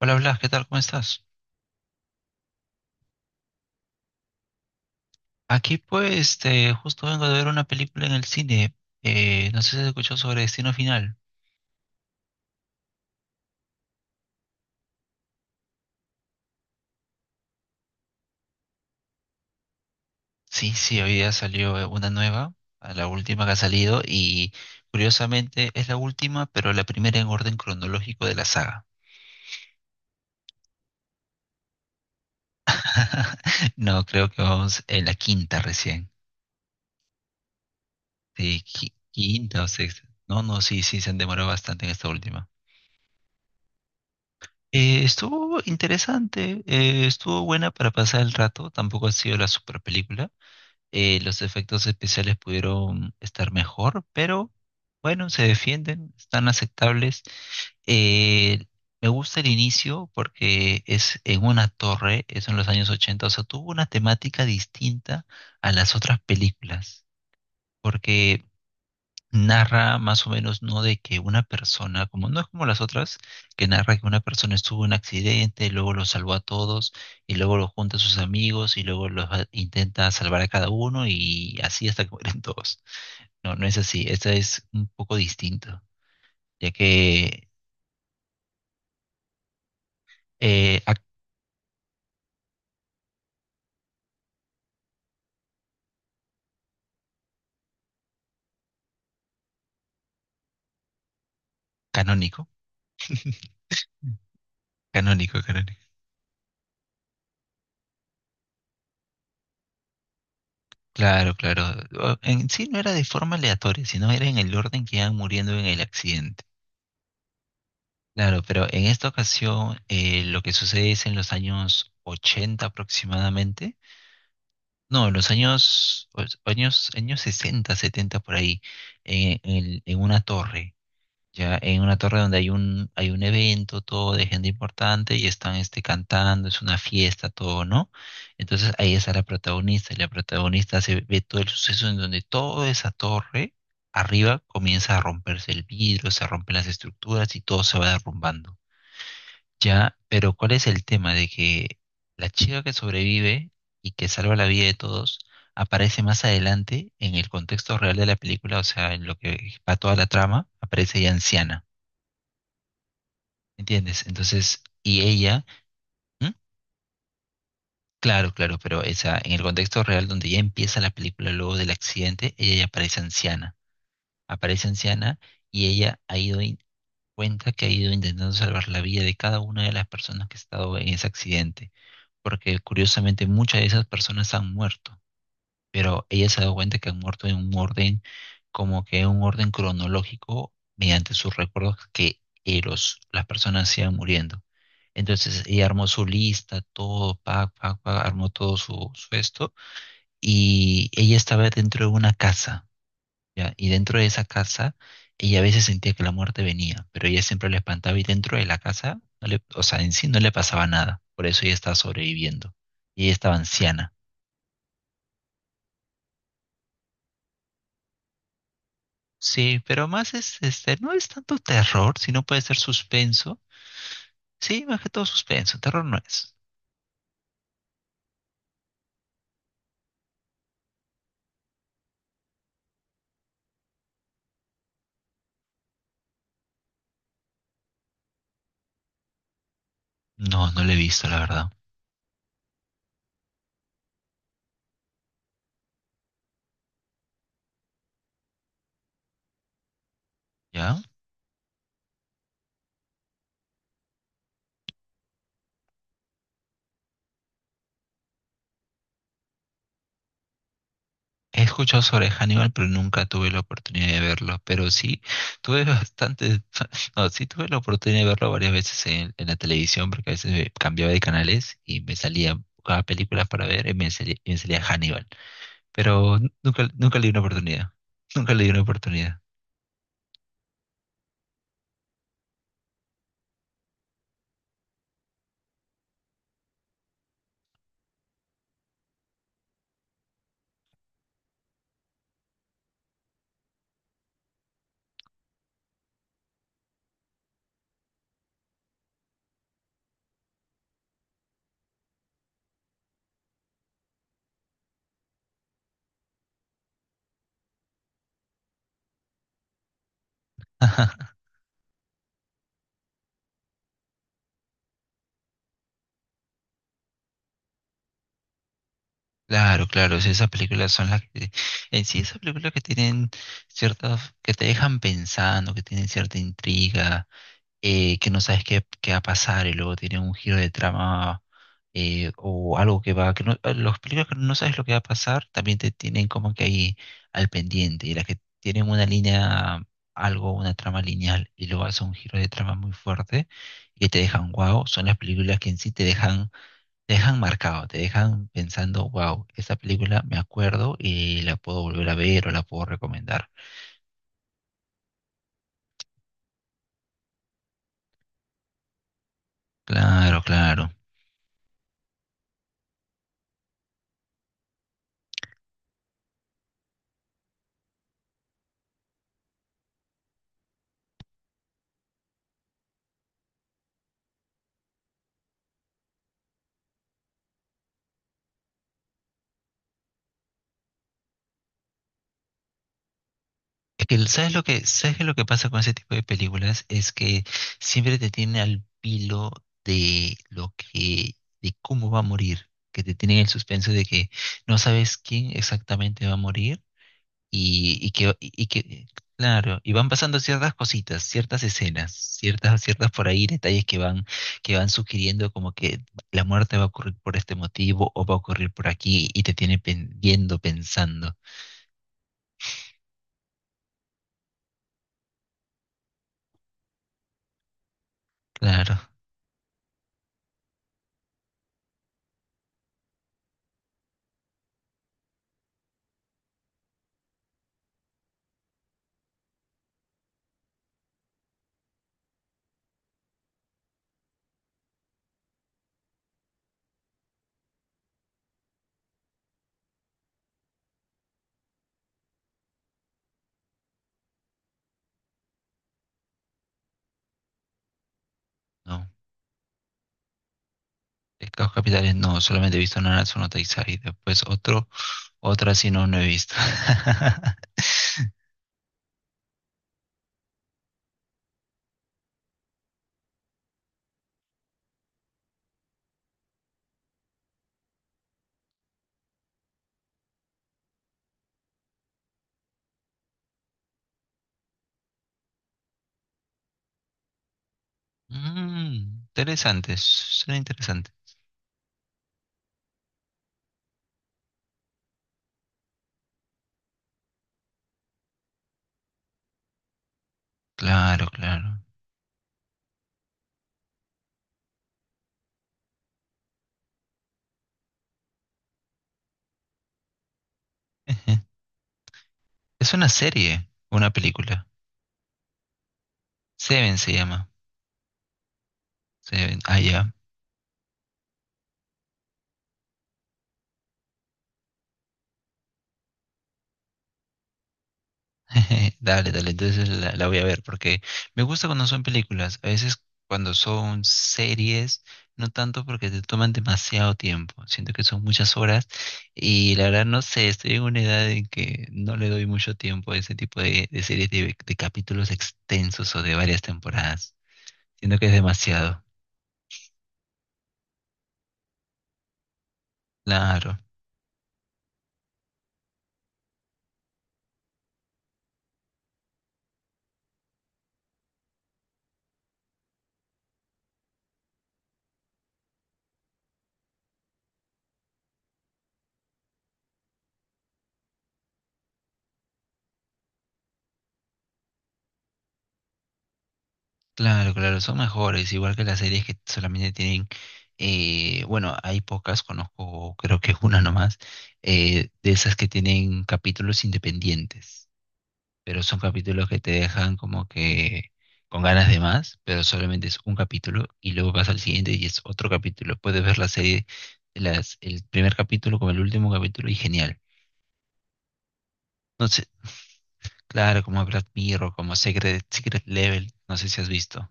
Hola Blas, ¿qué tal? ¿Cómo estás? Aquí pues este, justo vengo de ver una película en el cine. No sé si has escuchado sobre Destino Final. Sí, sí, hoy día salió una nueva, a la última que ha salido y curiosamente es la última, pero la primera en orden cronológico de la saga. No, creo que vamos en la quinta recién. Sí, quinta o sexta. No, no, sí, sí, se han demorado bastante en esta última. Estuvo interesante, estuvo buena para pasar el rato, tampoco ha sido la super película. Los efectos especiales pudieron estar mejor, pero bueno, se defienden, están aceptables. Eh, Me gusta el inicio porque es en una torre, es en los años ochenta, o sea, tuvo una temática distinta a las otras películas, porque narra más o menos, ¿no? De que una persona, como no es como las otras, que narra que una persona estuvo en un accidente, luego lo salvó a todos, y luego lo junta a sus amigos, y luego intenta salvar a cada uno, y así hasta que mueren todos. No, no es así. Esta es un poco distinto, ya que eh, ac- canónico. Canónico, canónico. Claro, claro. En sí no era de forma aleatoria, sino era en el orden que iban muriendo en el accidente. Claro, pero en esta ocasión lo que sucede es en los años 80 aproximadamente, no, en los años 60, 70 por ahí, en una torre, ya en una torre donde hay un evento, todo de gente importante y están este, cantando, es una fiesta, todo, ¿no? Entonces ahí está la protagonista y la protagonista se ve todo el suceso en donde toda esa torre arriba comienza a romperse el vidrio, se rompen las estructuras y todo se va derrumbando. Ya, pero ¿cuál es el tema de que la chica que sobrevive y que salva la vida de todos aparece más adelante en el contexto real de la película, o sea, en lo que va toda la trama, aparece ya anciana, ¿entiendes? Entonces, y ella, ¿Mm? Claro, claro, pero esa, en el contexto real donde ya empieza la película luego del accidente, ella ya aparece anciana y ella cuenta que ha ido intentando salvar la vida de cada una de las personas que ha estado en ese accidente, porque curiosamente muchas de esas personas han muerto, pero ella se ha dado cuenta que han muerto en un orden, como que en un orden cronológico, mediante sus recuerdos que las personas se iban muriendo. Entonces ella armó su lista, todo, pac, pac, pac, armó todo su esto, y ella estaba dentro de una casa, ya, y dentro de esa casa, ella a veces sentía que la muerte venía, pero ella siempre la espantaba y dentro de la casa, no le- o sea, en sí no le pasaba nada, por eso ella estaba sobreviviendo. Y ella estaba anciana. Sí, pero más es, este, no es tanto terror, sino puede ser suspenso. Sí, más que todo suspenso, terror no es. No, no lo he visto, la verdad. ¿Ya? He escuchado sobre Hannibal, pero nunca tuve la oportunidad de verlo. Pero sí, tuve bastante, no, sí tuve la oportunidad de verlo varias veces en, la televisión, porque a veces me cambiaba de canales y me salía cada película para ver y me salía, Hannibal. Pero nunca, nunca le di una oportunidad. Nunca le di una oportunidad. Claro, claro, sí, esas películas son las que, en sí, esas películas que tienen ciertas, que te dejan pensando, que tienen cierta intriga, que no sabes qué va a pasar, y luego tiene un giro de trama, o algo que va, que no, los películas que no sabes lo que va a pasar también te tienen como que ahí al pendiente, y las que tienen una línea, algo, una trama lineal y luego hace un giro de trama muy fuerte y que te dejan wow, son las películas que en sí te dejan marcado, te dejan pensando wow, esa película me acuerdo y la puedo volver a ver o la puedo recomendar. Claro, claro. Es que, ¿sabes qué lo que pasa con ese tipo de películas? Es que siempre te tienen al pilo de lo que, de cómo va a morir, que te tienen el suspenso de que no sabes quién exactamente va a morir y que, claro, y van pasando ciertas cositas, ciertas escenas, ciertas por ahí, detalles que van sugiriendo como que la muerte va a ocurrir por este motivo o va a ocurrir por aquí y te tiene viendo, pensando. Claro, no. Pecados capitales no, solamente he visto Nanatsu no Taizai. Después otra sí no, no he visto. Interesante, suena interesante. Claro, claro. Es una serie, una película. Seven se llama. Seven, ah, ya. Dale, dale, entonces la voy a ver porque me gusta cuando son películas, a veces cuando son series, no tanto porque te toman demasiado tiempo, siento que son muchas horas y la verdad no sé, estoy en una edad en que no le doy mucho tiempo a ese tipo de series de capítulos extensos o de varias temporadas, siento que es demasiado, claro. Claro, claro, son mejores, igual que las series que solamente tienen, bueno, hay pocas, conozco, creo que es una nomás, de esas que tienen capítulos independientes, pero son capítulos que te dejan como que con ganas de más, pero solamente es un capítulo y luego vas al siguiente y es otro capítulo. Puedes ver la serie, el primer capítulo como el último capítulo y genial. No sé, claro, como Black Mirror, como Secret Level, no sé si has visto.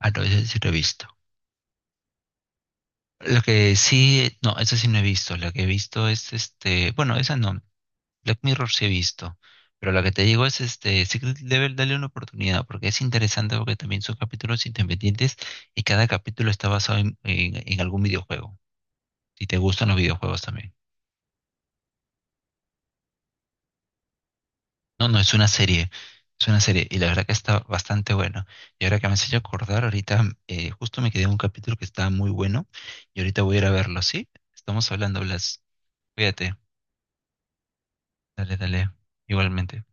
Ah, no, ese sí lo he visto. Lo que sí, no, eso sí no he visto. Lo que he visto es este, bueno, esa no. Black Mirror sí he visto. Pero lo que te digo es este, Secret Level, dale una oportunidad, porque es interesante porque también son capítulos independientes y cada capítulo está basado en, en algún videojuego. Si te gustan los videojuegos también. No, no, es una serie. Es una serie. Y la verdad que está bastante bueno. Y ahora que me has hecho acordar, ahorita justo me quedé en un capítulo que estaba muy bueno. Y ahorita voy a ir a verlo, ¿sí? Estamos hablando, Blas. Cuídate. Dale, dale. Igualmente.